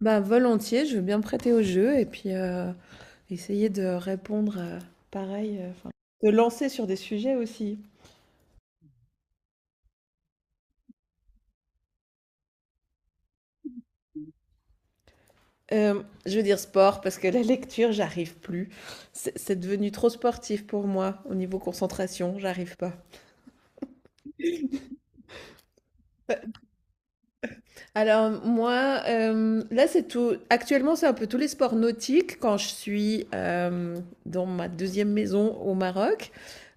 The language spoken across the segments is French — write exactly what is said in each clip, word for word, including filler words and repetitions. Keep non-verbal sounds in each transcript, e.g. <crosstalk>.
Bah, volontiers, je veux bien me prêter au jeu et puis, heu, essayer de répondre, heu, pareil, heu, enfin, de lancer sur des sujets aussi. Hem, je veux dire sport parce que la lecture, j'arrive plus. C'est c'est devenu trop sportif pour moi au niveau concentration, j'arrive pas. Alors moi, euh, là c'est tout. Actuellement c'est un peu tous les sports nautiques. Quand je suis euh, dans ma deuxième maison au Maroc,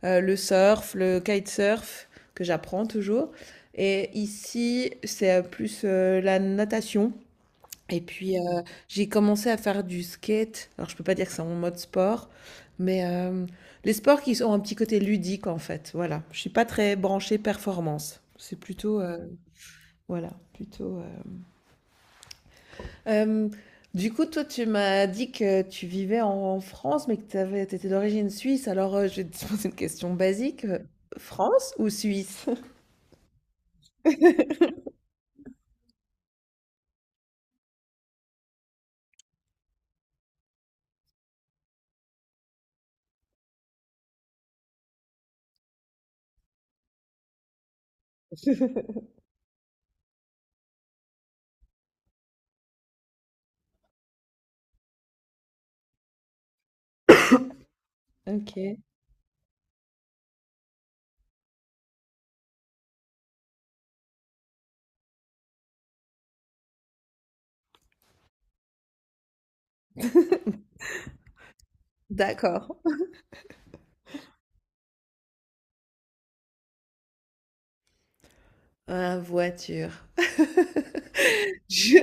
euh, le surf, le kitesurf que j'apprends toujours. Et ici c'est euh, plus euh, la natation. Et puis euh, j'ai commencé à faire du skate. Alors je peux pas dire que c'est mon mode sport, mais euh, les sports qui ont un petit côté ludique en fait. Voilà. Je suis pas très branchée performance. C'est plutôt euh, voilà plutôt. euh, Hem, du coup, toi, tu m'as dit que tu vivais en France, mais que tu avais tu étais d'origine suisse. Alors, heu, je vais te <laughs> poser une question basique, heu, France ou Suisse? <laughs> OK, d'accord. Ah, voiture. <laughs> Je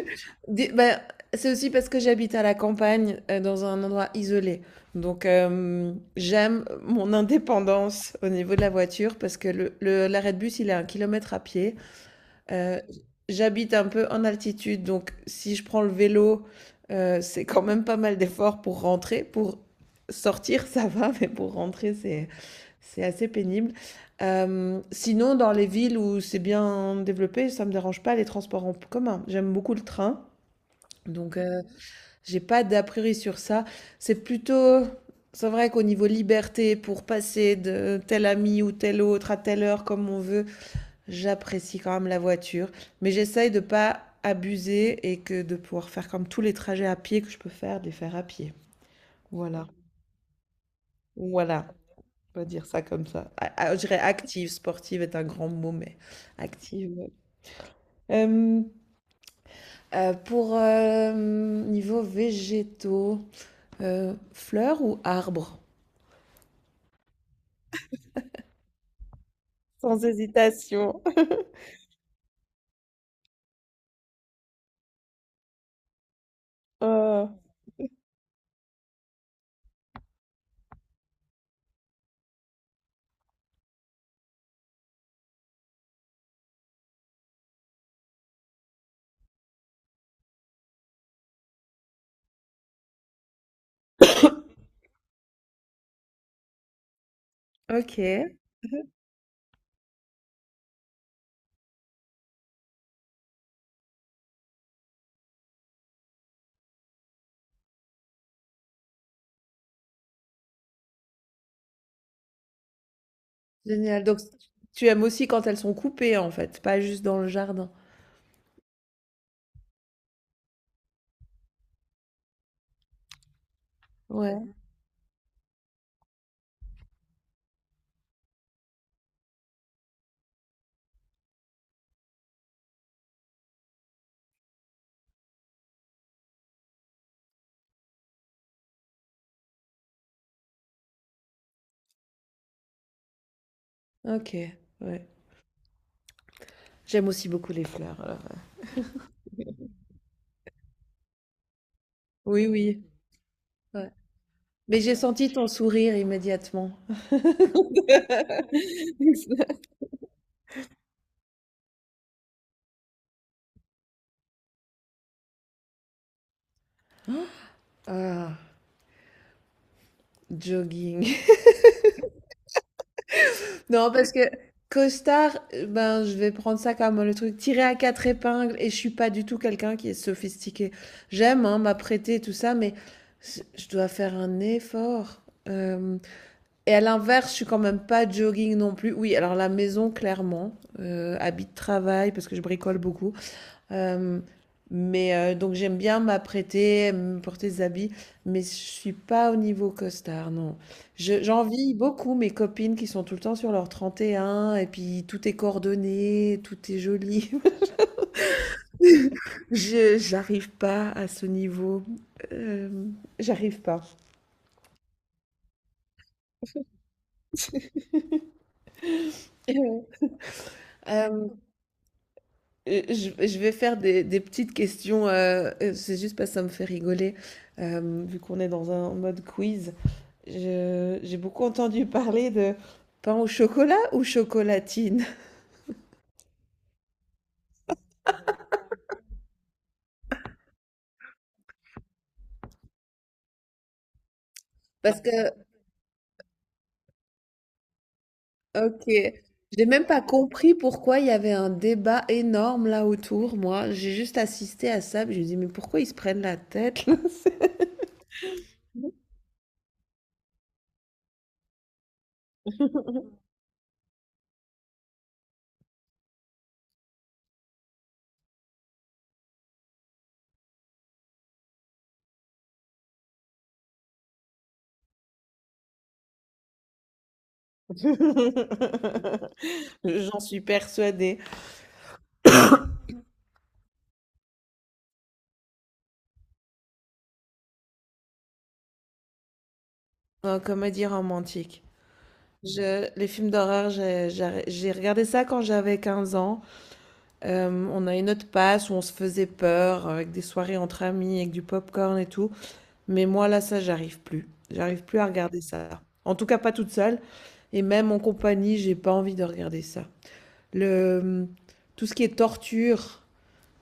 dis ben, c'est aussi parce que j'habite à la campagne, heu, dans un endroit isolé. Donc, hem, j'aime mon indépendance au niveau de la voiture parce que le le l'arrêt de bus, il est à un kilomètre à pied. Heu, J'habite un peu en altitude, donc si je prends le vélo, heu, c'est quand même pas mal d'efforts pour rentrer. Pour sortir, ça va, <laughs> mais pour rentrer, c'est c'est assez pénible. Hem, sinon, dans les villes où c'est bien développé, ça me dérange pas les transports en commun. J'aime beaucoup le train, donc heu, j'ai pas d'a priori sur ça. C'est plutôt c'est vrai qu'au niveau liberté pour passer de tel ami ou tel autre à telle heure comme on veut, j'apprécie quand même la voiture, mais j'essaye de ne pas abuser et que de pouvoir faire comme tous les trajets à pied que je peux faire, de les faire à pied. Voilà, voilà, on va dire ça comme ça. A- a- je dirais active, sportive est un grand mot, mais active. Ouais. Euh, euh, pour euh, Niveau végétaux, euh, fleurs ou arbres? Sans hésitation. <laughs> Oh, ok, génial. Donc tu aimes aussi quand elles sont coupées en fait, pas juste dans le jardin. Ouais, ok, ouais. J'aime aussi beaucoup les fleurs, alors, heu, oui, oui, ouais. Mais j'ai senti ton sourire immédiatement. <laughs> Ah, jogging. <laughs> Non, parce que costard, heu, ben, je vais prendre ça comme le truc tiré à quatre épingles et je suis pas du tout quelqu'un qui est sophistiqué. J'aime, hein, m'apprêter et tout ça, mais je je dois faire un effort, hem et à l'inverse, je suis quand même pas jogging non plus. Oui, alors la maison clairement, heu, habit de travail parce que je bricole beaucoup. Euh, mais euh, donc j'aime bien m'apprêter, me porter des habits, mais je suis pas au niveau costard, non. Je- j'envie beaucoup mes copines qui sont tout le temps sur leur trente et un et puis tout est coordonné, tout est joli. <laughs> Je J'arrive pas à ce niveau. Euh, J'arrive pas. Euh, je, je vais faire des, des petites questions, euh, euh, c'est juste parce que ça me fait rigoler, euh, vu qu'on est dans un mode quiz. Je- j'ai beaucoup entendu parler de pain au chocolat ou chocolatine. Parce que, ok, j'ai même pas compris pourquoi il y avait un débat énorme là autour, moi. J'ai juste assisté à ça, puis je me dis, mais pourquoi ils se prennent la tête, là. <laughs> C'est- <laughs> J'en suis persuadée. Euh, comédie romantique. Je, les films d'horreur, j'ai j'ai- j'ai regardé ça quand j'avais quinze ans. Euh, on a une autre passe où on se faisait peur avec des soirées entre amis, avec du popcorn et tout. Mais moi, là, ça, j'arrive plus. J'arrive plus à regarder ça. En tout cas, pas toute seule. Et même en compagnie, j'ai pas envie de regarder ça. Le, Tout ce qui est torture,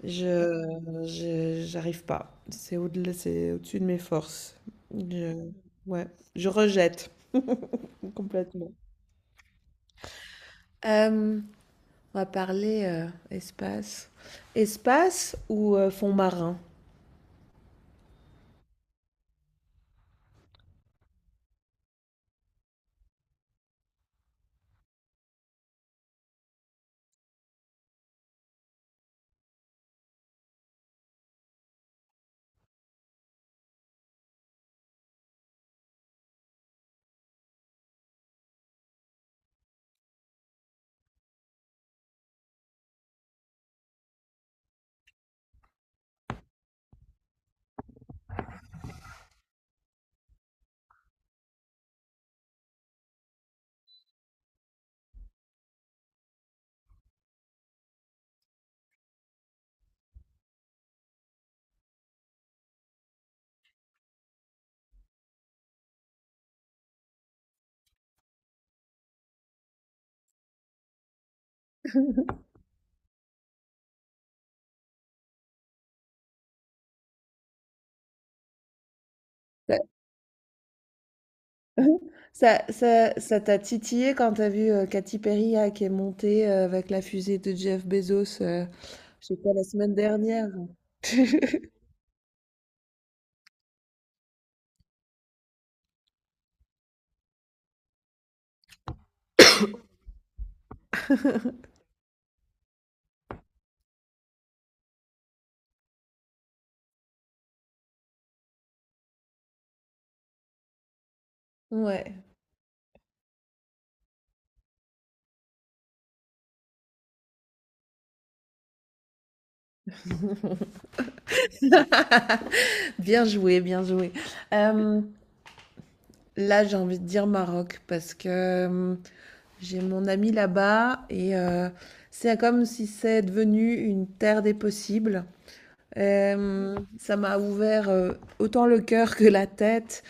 je, je- j'arrive pas. C'est au-delà, c'est au-dessus de mes forces. Je, ouais, je rejette complètement. Euh, on va parler euh, espace. Espace ou euh, fond marin? <laughs> Ça ça ça t'a titillé quand t'as vu, heu, Katy Perry là, qui est montée, heu, avec la fusée de Jeff Bezos, heu, je sais pas, la semaine dernière? Ouais. <laughs> Bien joué, bien joué. Hem, Là, j'ai envie de dire Maroc parce que, hem, j'ai mon ami là-bas et heu, c'est comme si c'est devenu une terre des possibles. Hem, ça m'a ouvert, heu, autant le cœur que la tête.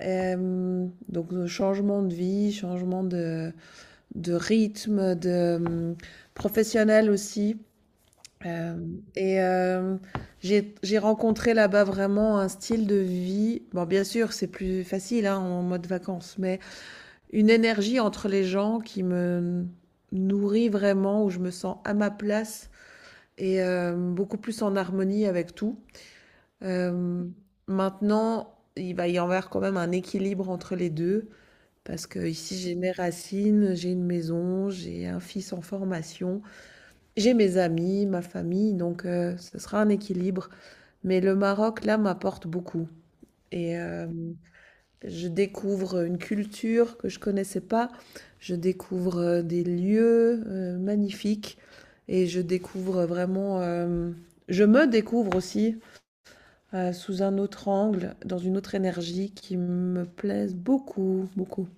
Hem, donc, heu, changement de vie, changement de de rythme, de hum, professionnel aussi. Euh, et euh, j'ai j'ai rencontré là-bas vraiment un style de vie. Bon, bien sûr, c'est plus facile hein, en mode vacances, mais une énergie entre les gens qui me nourrit vraiment, où je me sens à ma place et euh, beaucoup plus en harmonie avec tout. Euh, Maintenant, il va y avoir quand même un équilibre entre les deux. Parce que ici j'ai mes racines, j'ai une maison, j'ai un fils en formation, j'ai mes amis, ma famille, donc euh, ce sera un équilibre. Mais le Maroc, là, m'apporte beaucoup. Et euh, je découvre une culture que je connaissais pas, je découvre euh, des lieux euh, magnifiques et je découvre vraiment, euh, je me découvre aussi euh, sous un autre angle, dans une autre énergie qui me plaise beaucoup, beaucoup.